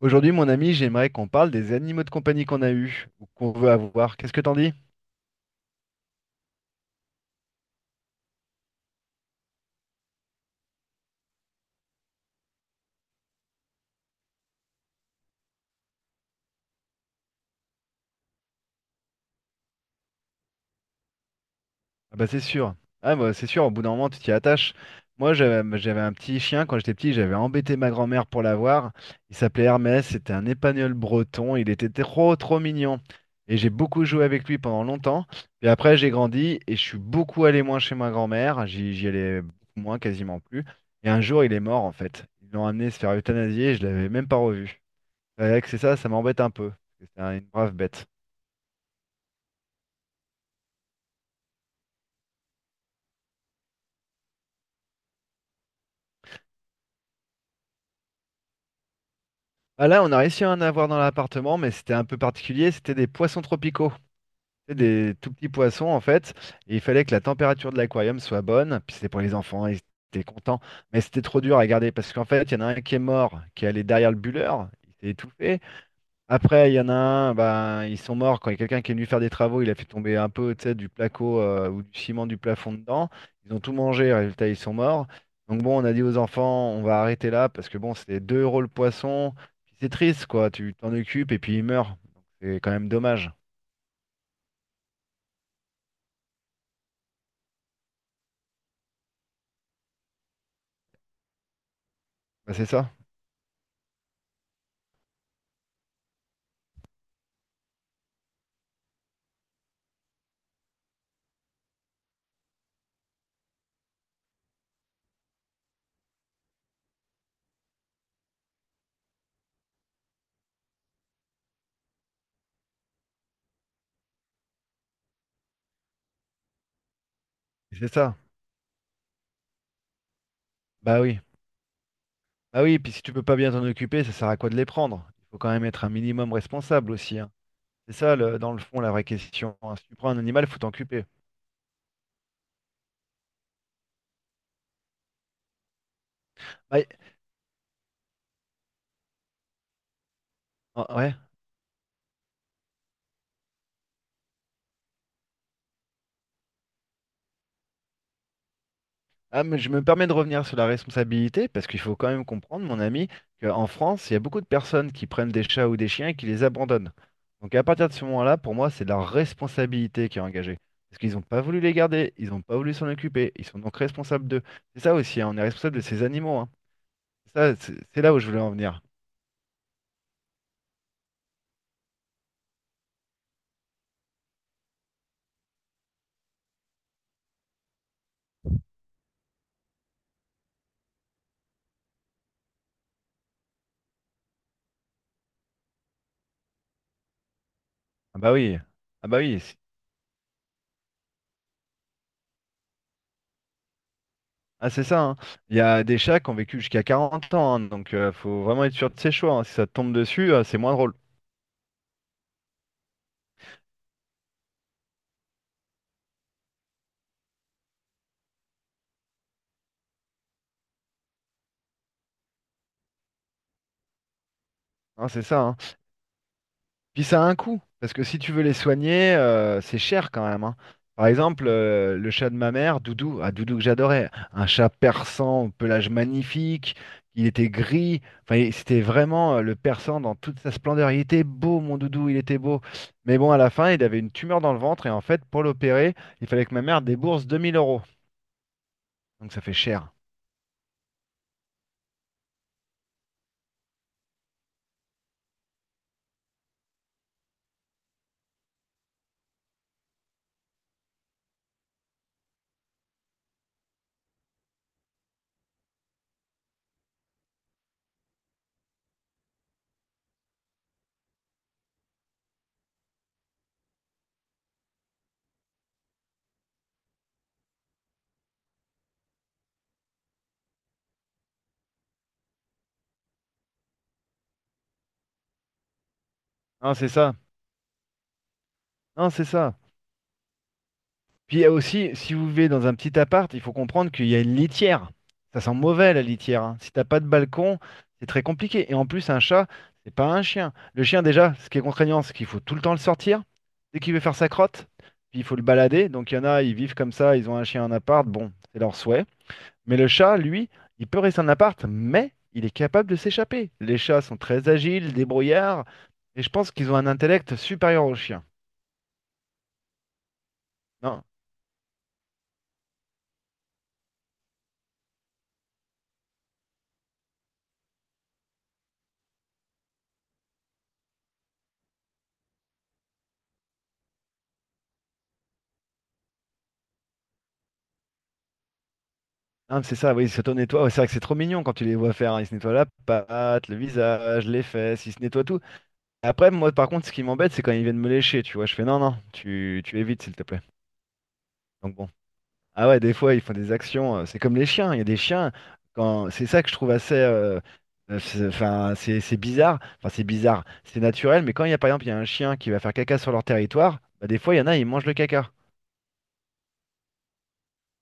Aujourd'hui, mon ami, j'aimerais qu'on parle des animaux de compagnie qu'on a eus ou qu'on veut avoir. Qu'est-ce que t'en dis? Ah bah c'est sûr. Ah bah c'est sûr, au bout d'un moment, tu t'y attaches. Moi, j'avais un petit chien quand j'étais petit, j'avais embêté ma grand-mère pour l'avoir. Il s'appelait Hermès, c'était un épagneul breton, il était trop trop mignon. Et j'ai beaucoup joué avec lui pendant longtemps. Puis après, j'ai grandi et je suis beaucoup allé moins chez ma grand-mère, j'y allais beaucoup moins, quasiment plus. Et un jour, il est mort en fait. Ils l'ont amené se faire euthanasier et je l'avais même pas revu. C'est vrai que c'est ça, ça m'embête un peu. Parce que c'est une brave bête. Ah là, on a réussi à en avoir dans l'appartement, mais c'était un peu particulier. C'était des poissons tropicaux. C'était des tout petits poissons, en fait. Et il fallait que la température de l'aquarium soit bonne. Puis c'était pour les enfants, ils étaient contents. Mais c'était trop dur à garder parce qu'en fait, il y en a un qui est mort, qui est allé derrière le bulleur. Il s'est étouffé. Après, il y en a un, ben, ils sont morts. Quand il y a quelqu'un qui est venu faire des travaux, il a fait tomber un peu, tu sais, du placo ou du ciment du plafond dedans. Ils ont tout mangé, résultat, ils sont morts. Donc bon, on a dit aux enfants, on va arrêter là parce que bon, c'est 2 € le poisson. Puis c'est triste, quoi. Tu t'en occupes et puis il meurt. Donc, c'est quand même dommage. Bah, c'est ça. C'est ça. Bah oui. Bah oui, puis si tu peux pas bien t'en occuper, ça sert à quoi de les prendre? Il faut quand même être un minimum responsable aussi, hein. C'est ça, dans le fond, la vraie question, hein. Si tu prends un animal, faut t'en occuper. Bah, ah, ouais. Ah, mais je me permets de revenir sur la responsabilité parce qu'il faut quand même comprendre, mon ami, qu'en France, il y a beaucoup de personnes qui prennent des chats ou des chiens et qui les abandonnent. Donc à partir de ce moment-là, pour moi, c'est leur responsabilité qui est engagée. Parce qu'ils n'ont pas voulu les garder, ils n'ont pas voulu s'en occuper, ils sont donc responsables d'eux. C'est ça aussi, hein, on est responsable de ces animaux, hein. Ça, c'est là où je voulais en venir. Ah bah oui, ah bah oui, ah c'est ça, hein. Il y a des chats qui ont vécu jusqu'à 40 ans, hein, donc faut vraiment être sûr de ses choix, hein. Si ça te tombe dessus, c'est moins drôle. Hein, c'est ça, hein. Puis ça a un coût, parce que si tu veux les soigner, c'est cher quand même, hein. Par exemple, le chat de ma mère, Doudou, ah, Doudou que j'adorais, un chat persan, au pelage magnifique, il était gris, enfin c'était vraiment le persan dans toute sa splendeur. Il était beau, mon Doudou, il était beau. Mais bon, à la fin, il avait une tumeur dans le ventre, et en fait, pour l'opérer, il fallait que ma mère débourse 2000 euros. Donc ça fait cher. Non, c'est ça. Non, c'est ça. Puis il y a aussi, si vous vivez dans un petit appart, il faut comprendre qu'il y a une litière. Ça sent mauvais la litière, hein. Si t'as pas de balcon, c'est très compliqué. Et en plus, un chat, c'est pas un chien. Le chien, déjà, ce qui est contraignant, c'est qu'il faut tout le temps le sortir. Dès qu'il veut faire sa crotte, puis il faut le balader. Donc il y en a, ils vivent comme ça, ils ont un chien en appart, bon, c'est leur souhait. Mais le chat, lui, il peut rester en appart, mais il est capable de s'échapper. Les chats sont très agiles, débrouillards, et je pense qu'ils ont un intellect supérieur aux chiens. Non, ah, mais c'est ça, oui, ils s'auto-nettoient. Ouais, c'est vrai que c'est trop mignon quand tu les vois faire, hein. Ils se nettoient la patte, le visage, les fesses, ils se nettoient tout. Après, moi, par contre, ce qui m'embête, c'est quand ils viennent me lécher, tu vois. Je fais non, non, tu évites, s'il te plaît. Donc bon. Ah ouais, des fois, ils font des actions. C'est comme les chiens. Il y a des chiens, c'est ça que je trouve assez. Enfin, c'est bizarre. Enfin, c'est bizarre. C'est naturel, mais quand il y a, par exemple, il y a un chien qui va faire caca sur leur territoire, bah, des fois, il y en a, ils mangent le caca.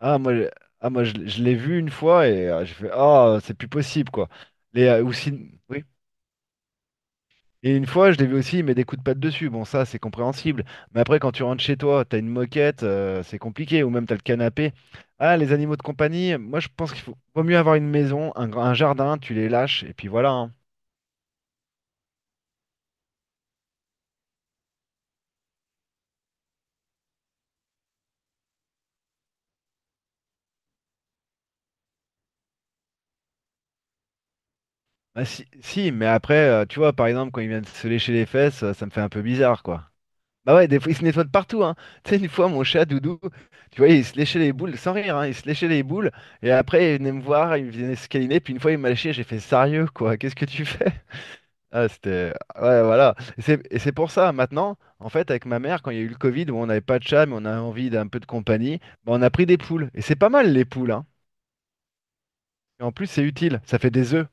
Ah moi, je- ah, moi je l'ai vu une fois et j'ai fait ah c'est plus possible, quoi. Les, ou si- Oui. Et une fois je l'ai vu aussi il met des coups de patte dessus. Bon ça c'est compréhensible. Mais après quand tu rentres chez toi t'as une moquette, c'est compliqué ou même t'as le canapé. Ah, les animaux de compagnie, moi je pense qu'il faut vaut mieux avoir une maison, un jardin, tu les lâches et puis voilà, hein. Ah, si, si mais après tu vois par exemple quand ils viennent se lécher les fesses, ça me fait un peu bizarre, quoi. Bah ouais, des fois, il se nettoie de partout, hein. Tu sais, une fois, mon chat, Doudou, tu vois, il se léchait les boules, sans rire, hein, il se léchait les boules, et après, il venait me voir, il venait se câliner, puis une fois, il m'a léché, j'ai fait, sérieux, quoi, qu'est-ce que tu fais? Ah, ouais, voilà. Et c'est pour ça, maintenant, en fait, avec ma mère, quand il y a eu le Covid, où on n'avait pas de chat, mais on avait envie d'un peu de compagnie, bah, on a pris des poules. Et c'est pas mal, les poules, hein. Et en plus, c'est utile, ça fait des œufs.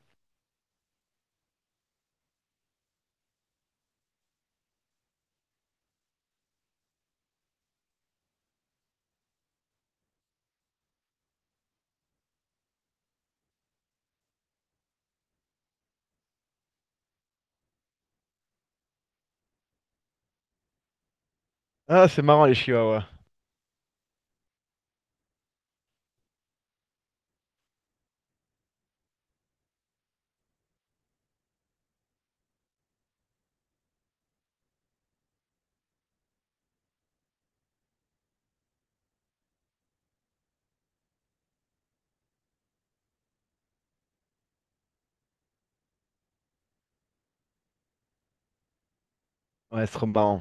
Ah, c'est marrant, les chihuahuas. Ouais, c'est trop marrant.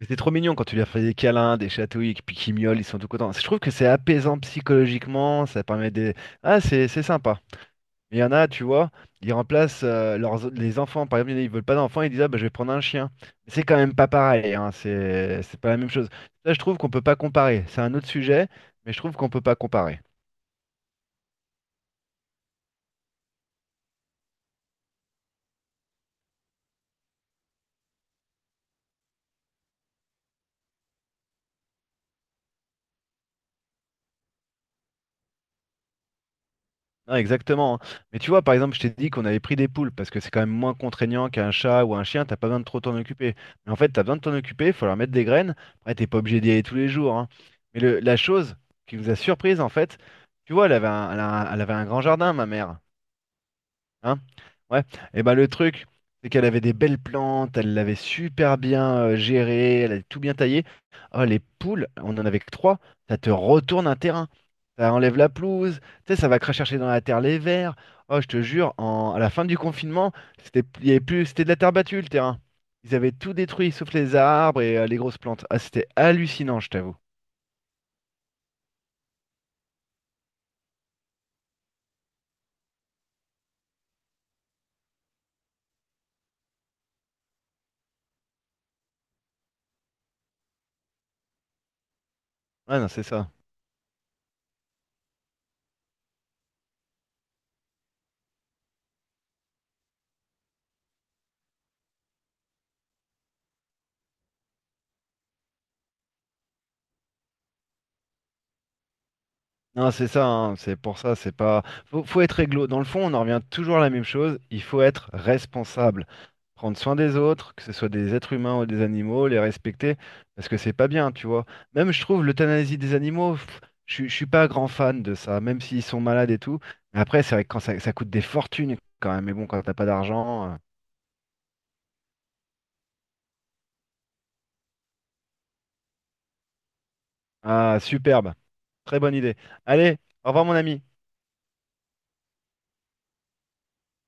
Mais c'est trop mignon quand tu lui as fait des câlins, des chatouilles, et puis qu'ils miaulent, ils sont tout contents. Je trouve que c'est apaisant psychologiquement, ça permet des. Ah, c'est sympa. Mais il y en a, tu vois, ils remplacent les enfants. Par exemple, il y en a, ils veulent pas d'enfants, ils disent, ah, bah, je vais prendre un chien. Mais c'est quand même pas pareil, hein, c'est pas la même chose. Là, je trouve qu'on peut pas comparer. C'est un autre sujet, mais je trouve qu'on peut pas comparer. Non, exactement, hein. Mais tu vois, par exemple, je t'ai dit qu'on avait pris des poules parce que c'est quand même moins contraignant qu'un chat ou un chien, t'as pas besoin de trop t'en occuper. Mais en fait, t'as besoin de t'en occuper, il faut leur mettre des graines. Après, t'es pas obligé d'y aller tous les jours, hein. Mais la chose qui nous a surprise, en fait, tu vois, elle avait un grand jardin, ma mère. Hein? Ouais. Et ben le truc, c'est qu'elle avait des belles plantes, elle l'avait super bien gérée, elle avait tout bien taillé. Oh, les poules, on en avait que trois, ça te retourne un terrain. Ça enlève la pelouse, tu sais, ça va cracher dans la terre les vers. Oh, je te jure, à la fin du confinement, c'était il y avait plus, c'était de la terre battue le terrain. Ils avaient tout détruit, sauf les arbres et les grosses plantes. Ah, c'était hallucinant, je t'avoue. Ah non, c'est ça. Non, c'est ça, hein, c'est pour ça, c'est pas. Faut être réglo. Dans le fond, on en revient toujours à la même chose. Il faut être responsable. Prendre soin des autres, que ce soit des êtres humains ou des animaux, les respecter, parce que c'est pas bien, tu vois. Même, je trouve, l'euthanasie des animaux, je suis pas grand fan de ça, même s'ils sont malades et tout. Mais après, c'est vrai que quand ça coûte des fortunes quand même, mais bon, quand t'as pas d'argent. Ah, superbe. Très bonne idée. Allez, au revoir, mon ami.